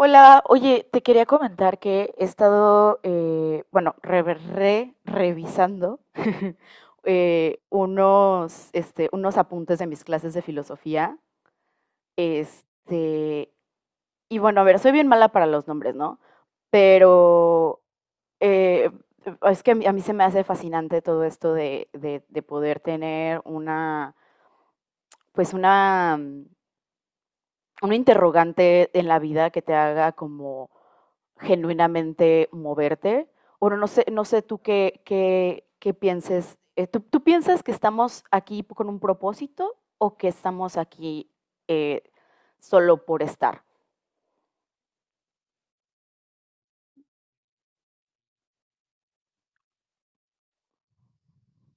Hola, oye, te quería comentar que he estado, bueno, revisando unos, unos apuntes de mis clases de filosofía. Este, y bueno, a ver, soy bien mala para los nombres, ¿no? Pero eh, es que a mí se me hace fascinante todo esto de, de poder tener una, pues una un interrogante en la vida que te haga como genuinamente moverte. Bueno, no sé, no sé tú qué pienses. Tú piensas que estamos aquí con un propósito o que estamos aquí eh, solo por estar?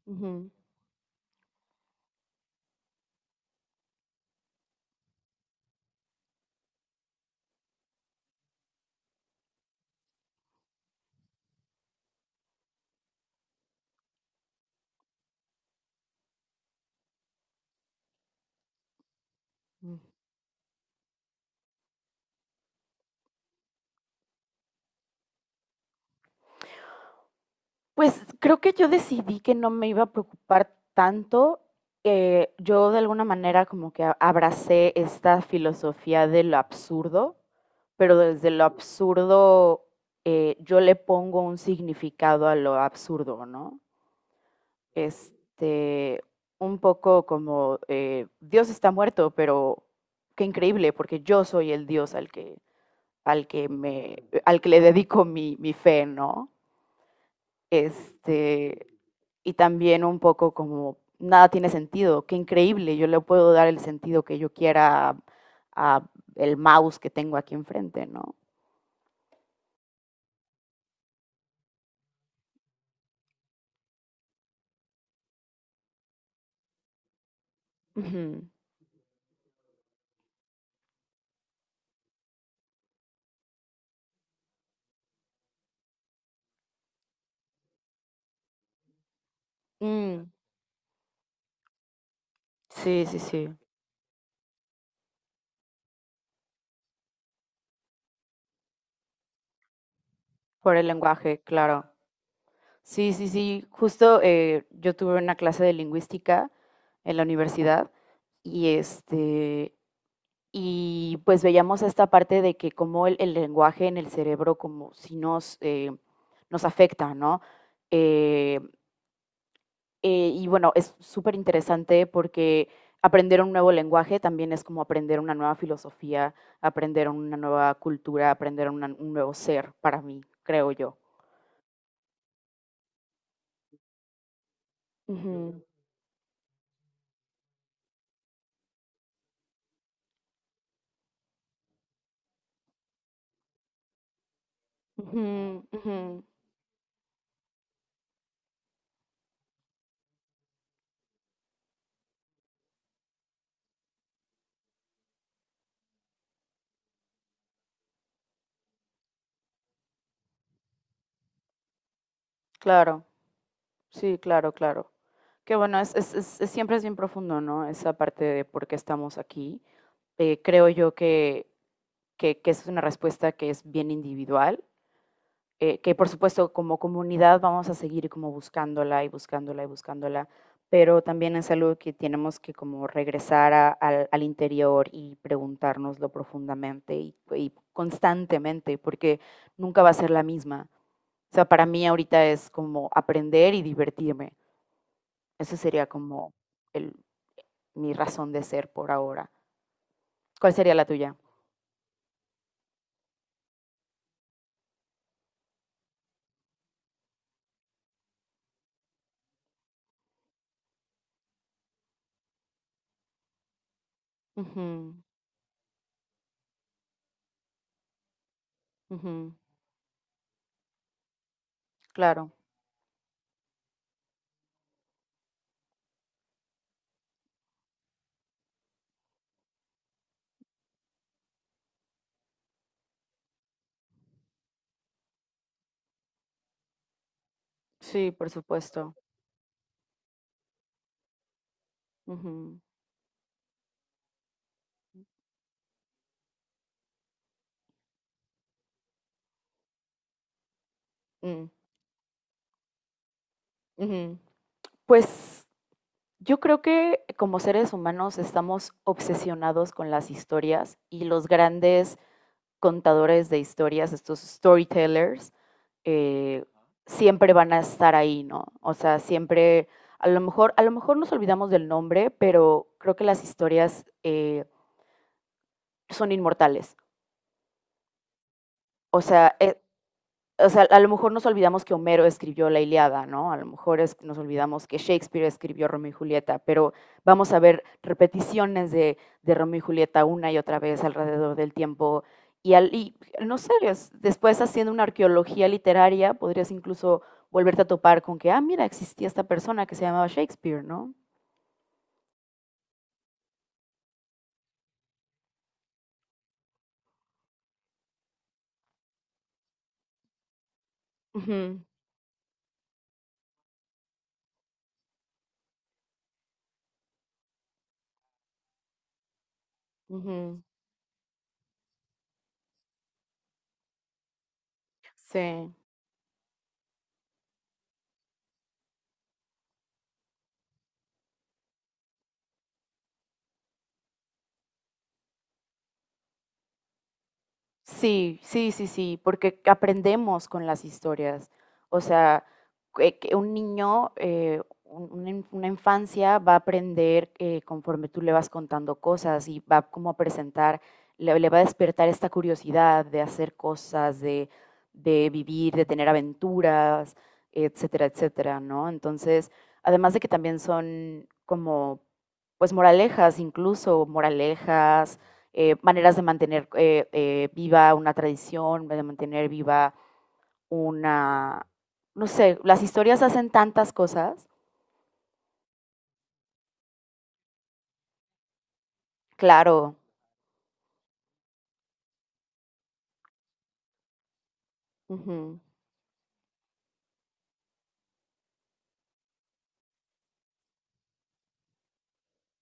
Ujú. Pues, creo que yo decidí que no me iba a preocupar tanto, yo de alguna manera como que a abracé esta filosofía de lo absurdo, pero desde lo absurdo, yo le pongo un significado a lo absurdo, ¿no? Este, un poco como, Dios está muerto, pero qué increíble, porque yo soy el Dios al que me al que le dedico mi fe, ¿no? Este, y también un poco como nada tiene sentido, qué increíble, yo le puedo dar el sentido que yo quiera a el mouse que tengo aquí enfrente, ¿no? Ujú. Mm, sí, sí, sí, por el lenguaje, claro. Sí, sí, sí. Justo yo tuve una clase de lingüística en la universidad y y pues veíamos esta parte de que cómo el lenguaje en el cerebro, como si nos, nos afecta, ¿no? Eh, y bueno, es súper interesante porque aprender un nuevo lenguaje también es como aprender una nueva filosofía, aprender una nueva cultura, aprender un nuevo ser para mí, creo yo. Ujú, ujú, ujú. Claro. Sí, claro, claro. Que bueno, siempre es bien profundo, ¿no? Esa parte de por qué estamos aquí. Creo yo que es una respuesta que es bien individual, que por supuesto como comunidad vamos a seguir como buscándola y buscándola y buscándola, pero también es algo que tenemos que como regresar al interior y preguntárnoslo profundamente y constantemente, porque nunca va a ser la misma. O sea, para mí ahorita es como aprender y divertirme, eso sería como el, mi razón de ser por ahora. ¿Cuál sería la tuya? Ujú, ujú, claro, sí, por supuesto. Ujú, mm, ujú. Pues yo creo que como seres humanos estamos obsesionados con las historias y los grandes contadores de historias, estos storytellers, eh, siempre van a estar ahí, ¿no? O sea, siempre, a lo mejor nos olvidamos del nombre, pero creo que las historias son inmortales. O sea, eh, o sea, a lo mejor nos olvidamos que Homero escribió la Ilíada, ¿no? A lo mejor es, nos olvidamos que Shakespeare escribió Romeo y Julieta, pero vamos a ver repeticiones de Romeo y Julieta una y otra vez alrededor del tiempo. Y, al, y no sé, después haciendo una arqueología literaria, podrías incluso volverte a topar con que, ah, mira, existía esta persona que se llamaba Shakespeare, ¿no? Uh -huh, uh -huh, sí. Sí, sí, sí, sí, porque aprendemos con las historias. O sea, que un niño, una infancia va a aprender conforme tú le vas contando cosas y va como a presentar, le va a despertar esta curiosidad de hacer cosas, de vivir, de tener aventuras, etcétera, etcétera, ¿no? Entonces, además de que también son como, pues, moralejas, incluso moralejas maneras de mantener viva una tradición, de mantener viva una, no sé, las historias hacen tantas cosas, claro, ujú,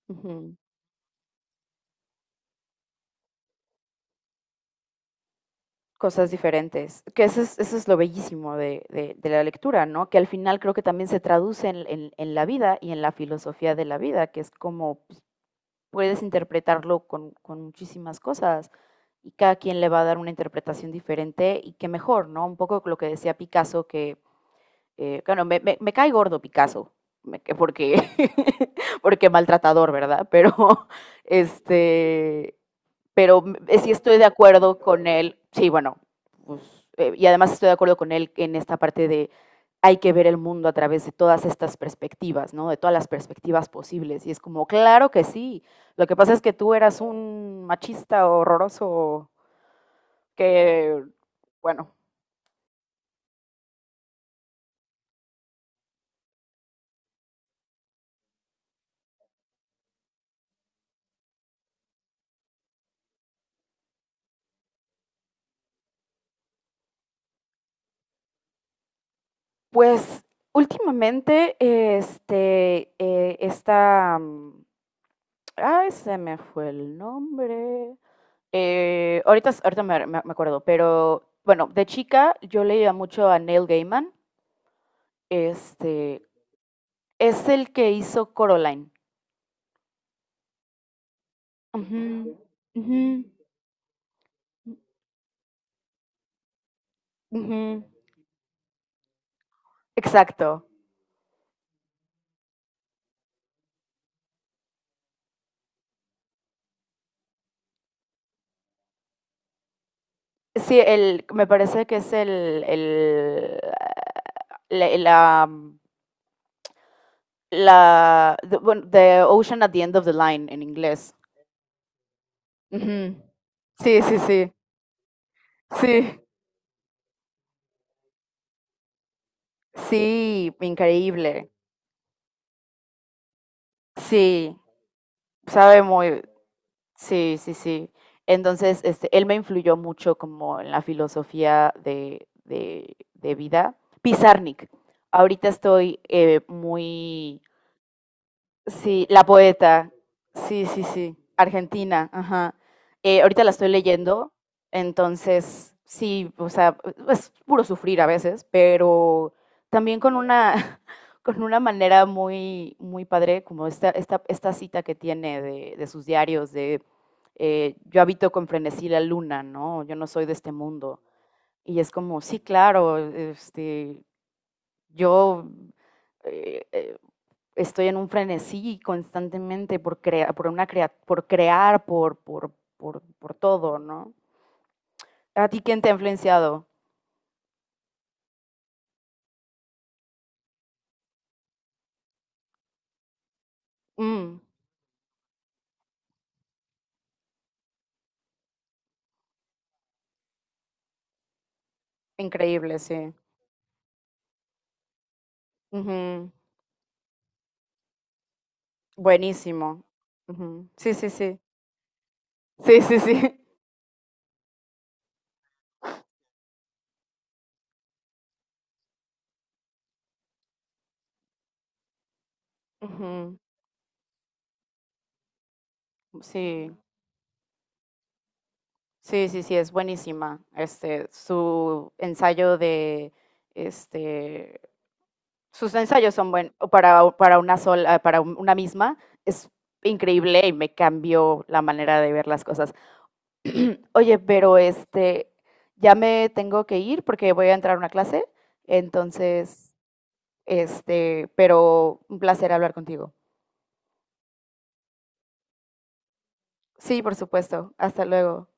ujú, cosas diferentes, que eso es lo bellísimo de, de la lectura, ¿no? Que al final creo que también se traduce en, en la vida y en la filosofía de la vida, que es como pues, puedes interpretarlo con muchísimas cosas y cada quien le va a dar una interpretación diferente y qué mejor, ¿no? Un poco lo que decía Picasso, que bueno, me cae gordo Picasso, porque, porque maltratador, ¿verdad? Pero, este, pero sí estoy de acuerdo con él, sí, bueno, pues, y además estoy de acuerdo con él en esta parte de hay que ver el mundo a través de todas estas perspectivas, ¿no? De todas las perspectivas posibles. Y es como, claro que sí. Lo que pasa es que tú eras un machista horroroso que, bueno, pues últimamente, este, esta, mm, ay, se me fue el nombre. Ahorita me acuerdo, pero bueno, de chica yo leía mucho a Neil Gaiman. Este, es el que hizo Coraline. Ujú, ujú, ujú. Exacto. Sí, me parece que es el, la, la, la- the, bueno, the Ocean at the End of the Line en inglés. Ujú. Sí, sí, sí. Sí, sí, increíble. Sí, sabe muy, sí, sí, sí. Entonces, este, él me influyó mucho como en la filosofía de vida. Pizarnik. Ahorita estoy muy sí, la poeta. Sí, sí, sí. Argentina, ajá. Ahorita la estoy leyendo, entonces sí, o sea, es puro sufrir a veces, pero también con una, con una manera muy padre, como esta cita que tiene de sus diarios, de yo habito con frenesí la luna, ¿no? Yo no soy de este mundo. Y es como, sí, claro, este, yo eh, eh, estoy en un frenesí constantemente por crear, todo, ¿no? ¿A ti quién te ha influenciado? Mm, increíble, sí. Uh -huh. Buenísimo. Uh -huh. Sí, sí, sí. Sí, sí, sí. Uh -huh. Sí, sí, sí, sí, es buenísima. Este, su ensayo de, este, sus ensayos son buenos para, para una sola, para una misma, es increíble y me cambió la manera de ver las cosas. Oye, pero este, ya me tengo que ir porque voy a entrar a una clase, entonces, este, pero un placer hablar contigo. Sí, por supuesto. Hasta luego.